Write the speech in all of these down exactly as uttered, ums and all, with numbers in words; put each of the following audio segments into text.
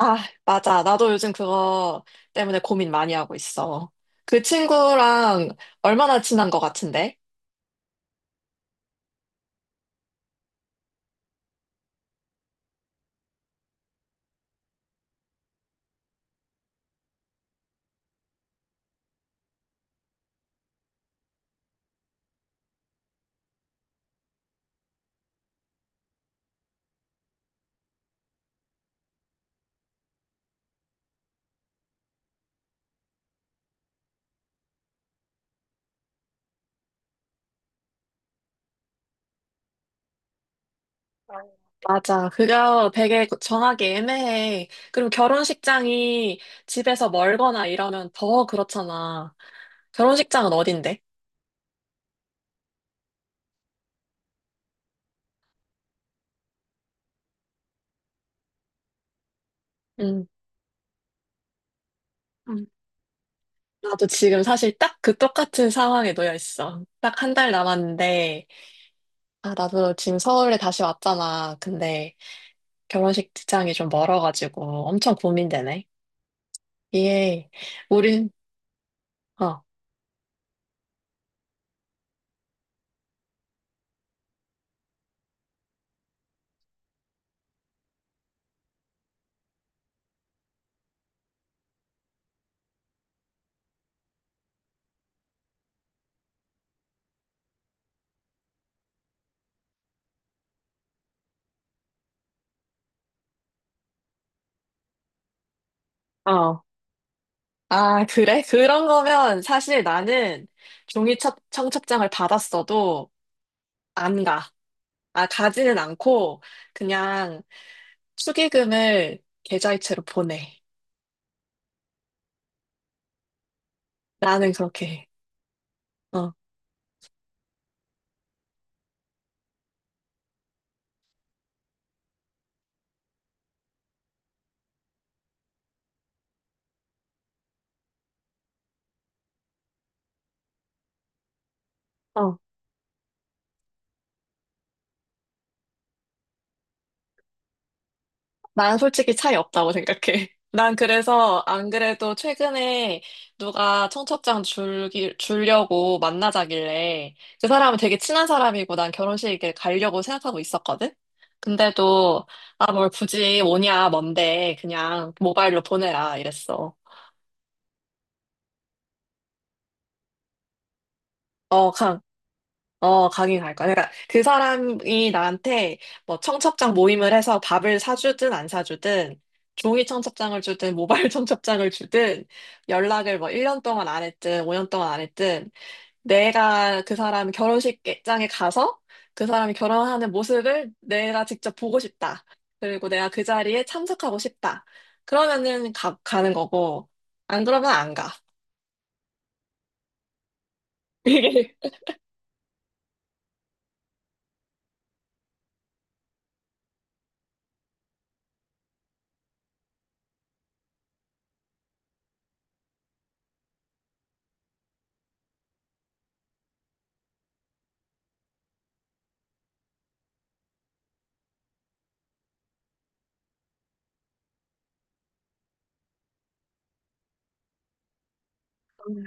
아, 맞아. 나도 요즘 그거 때문에 고민 많이 하고 있어. 그 친구랑 얼마나 친한 것 같은데? 맞아. 그거 되게 정하기 애매해. 그리고 결혼식장이 집에서 멀거나 이러면 더 그렇잖아. 결혼식장은 어딘데? 응. 응. 나도 지금 사실 딱 그 똑같은 상황에 놓여 있어. 딱 한 달 남았는데, 아, 나도 지금 서울에 다시 왔잖아. 근데 결혼식장이 좀 멀어가지고 엄청 고민되네. 예. 우린, 어, 어. 아, 그래? 그런 거면 사실 나는 종이 첩- 청첩장을 받았어도 안 가. 아, 가지는 않고 그냥 축의금을 계좌이체로 보내. 나는 그렇게 해. 어, 어. 난 솔직히 차이 없다고 생각해. 난 그래서 안 그래도 최근에 누가 청첩장 줄기, 주려고 만나자길래 그 사람은 되게 친한 사람이고 난 결혼식에 가려고 생각하고 있었거든? 근데도 아, 뭘 굳이 오냐, 뭔데 그냥 모바일로 보내라 이랬어. 어, 어, 가긴 갈 거야. 그러니까 그 사람이 나한테 뭐 청첩장 모임을 해서 밥을 사주든 안 사주든 종이 청첩장을 주든 모바일 청첩장을 주든 연락을 뭐 일 년 동안 안 했든 오 년 동안 안 했든 내가 그 사람 결혼식장에 가서 그 사람이 결혼하는 모습을 내가 직접 보고 싶다. 그리고 내가 그 자리에 참석하고 싶다. 그러면은 가, 가는 거고 안 그러면 안 가. 이게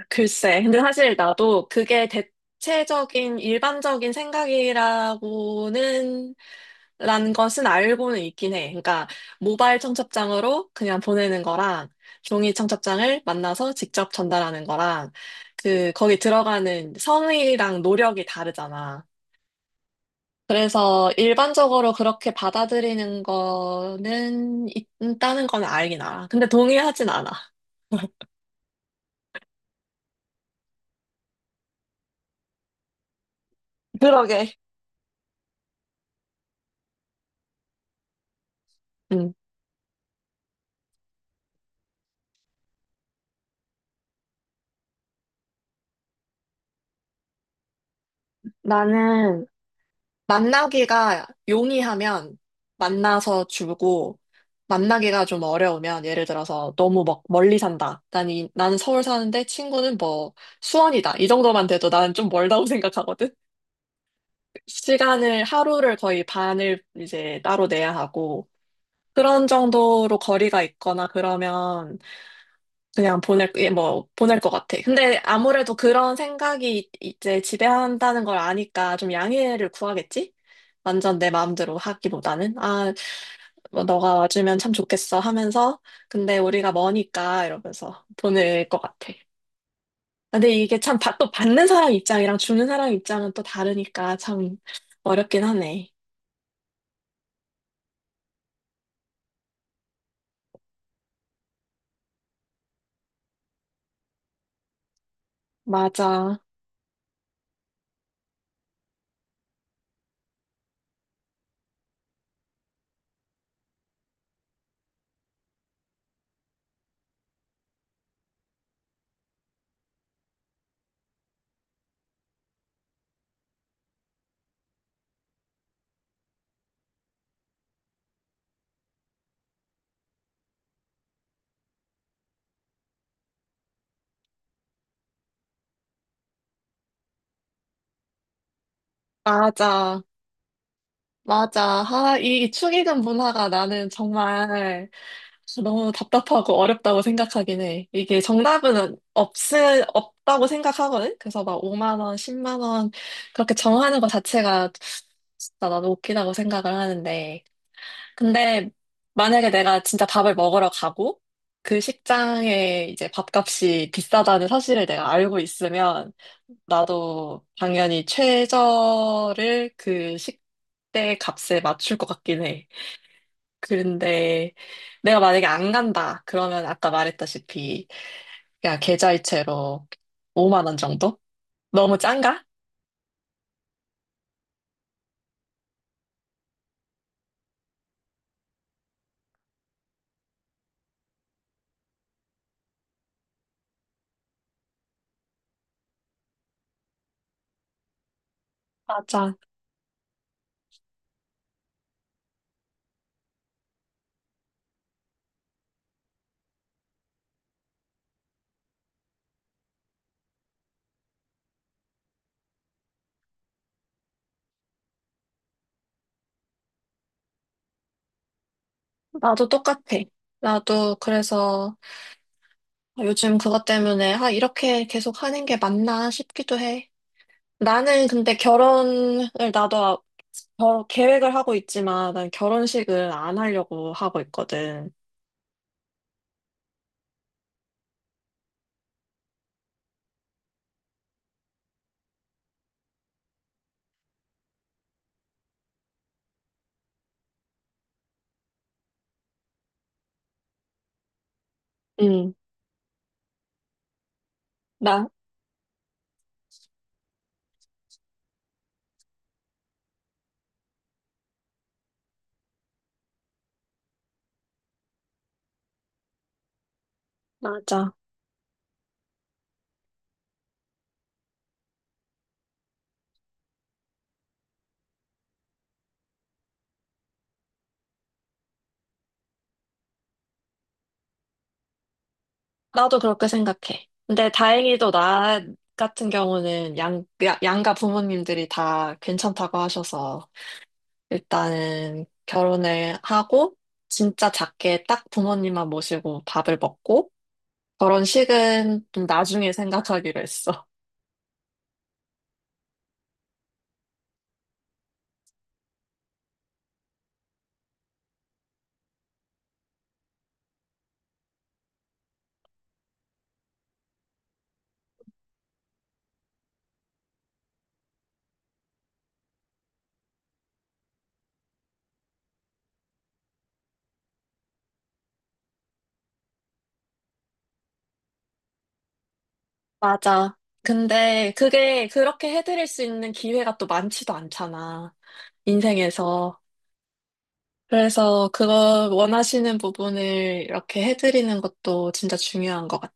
글쎄. 근데 사실 나도 그게 대체적인 일반적인 생각이라고는 라는 것은 알고는 있긴 해. 그러니까 모바일 청첩장으로 그냥 보내는 거랑 종이 청첩장을 만나서 직접 전달하는 거랑 그 거기 들어가는 성의랑 노력이 다르잖아. 그래서 일반적으로 그렇게 받아들이는 거는 있다는 건 알긴 알아. 근데 동의하진 않아. 그러게. 음. 나는 만나기가 용이하면 만나서 주고, 만나기가 좀 어려우면, 예를 들어서 너무 막 멀리 산다. 난 이, 나는 서울 사는데 친구는 뭐 수원이다. 이 정도만 돼도 나는 좀 멀다고 생각하거든? 시간을, 하루를 거의 반을 이제 따로 내야 하고, 그런 정도로 거리가 있거나 그러면 그냥 보낼, 예, 뭐, 보낼 것 같아. 근데 아무래도 그런 생각이 이제 지배한다는 걸 아니까 좀 양해를 구하겠지? 완전 내 마음대로 하기보다는, 아, 뭐 너가 와주면 참 좋겠어 하면서, 근데 우리가 머니까 이러면서 보낼 것 같아. 아, 근데 이게 참, 받- 또 받는 사람 입장이랑 주는 사람 입장은 또 다르니까 참 어렵긴 하네. 맞아. 맞아. 맞아. 아, 이 이 축의금 문화가 나는 정말 너무 답답하고 어렵다고 생각하긴 해. 이게 정답은 없, 없다고 생각하거든? 그래서 막 오만 원, 십만 원 그렇게 정하는 것 자체가 진짜 나도 웃기다고 생각을 하는데. 근데 만약에 내가 진짜 밥을 먹으러 가고 그 식장에 이제 밥값이 비싸다는 사실을 내가 알고 있으면 나도 당연히 최저를 그 식대 값에 맞출 것 같긴 해. 그런데 내가 만약에 안 간다. 그러면 아까 말했다시피 그냥 계좌이체로 오만 원 정도? 너무 짠가? 맞아. 나도 똑같아. 나도 그래서 요즘 그것 때문에 아, 이렇게 계속 하는 게 맞나 싶기도 해. 나는 근데 결혼을 나도 아- 결- 계획을 하고 있지만 난 결혼식을 안 하려고 하고 있거든. 나, 맞아. 나도 그렇게 생각해. 근데 다행히도 나 같은 경우는 양, 야- 양가 부모님들이 다 괜찮다고 하셔서 일단은 결혼을 하고 진짜 작게 딱 부모님만 모시고 밥을 먹고 결혼식은 좀 나중에 생각하기로 했어. 맞아. 근데 그게 그렇게 해드릴 수 있는 기회가 또 많지도 않잖아. 인생에서. 그래서 그거 원하시는 부분을 이렇게 해드리는 것도 진짜 중요한 것 같아.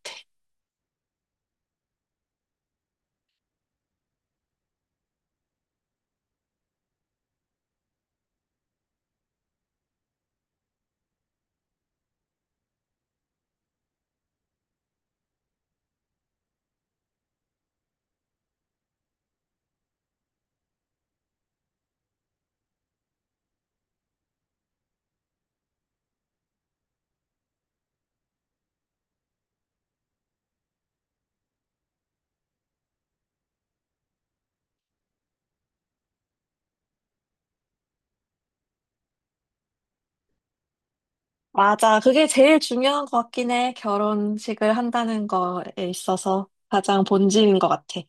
맞아. 그게 제일 중요한 것 같긴 해. 결혼식을 한다는 거에 있어서 가장 본질인 것 같아.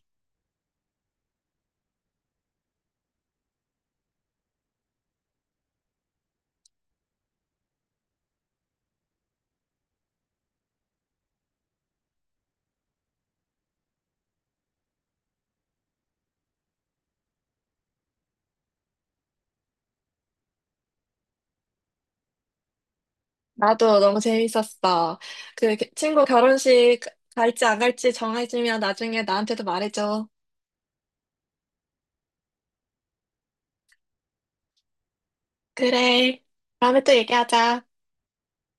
나도 너무 재밌었어. 그 친구 결혼식 갈지 안 갈지 정해지면 나중에 나한테도 말해줘. 그래. 다음에 또 얘기하자.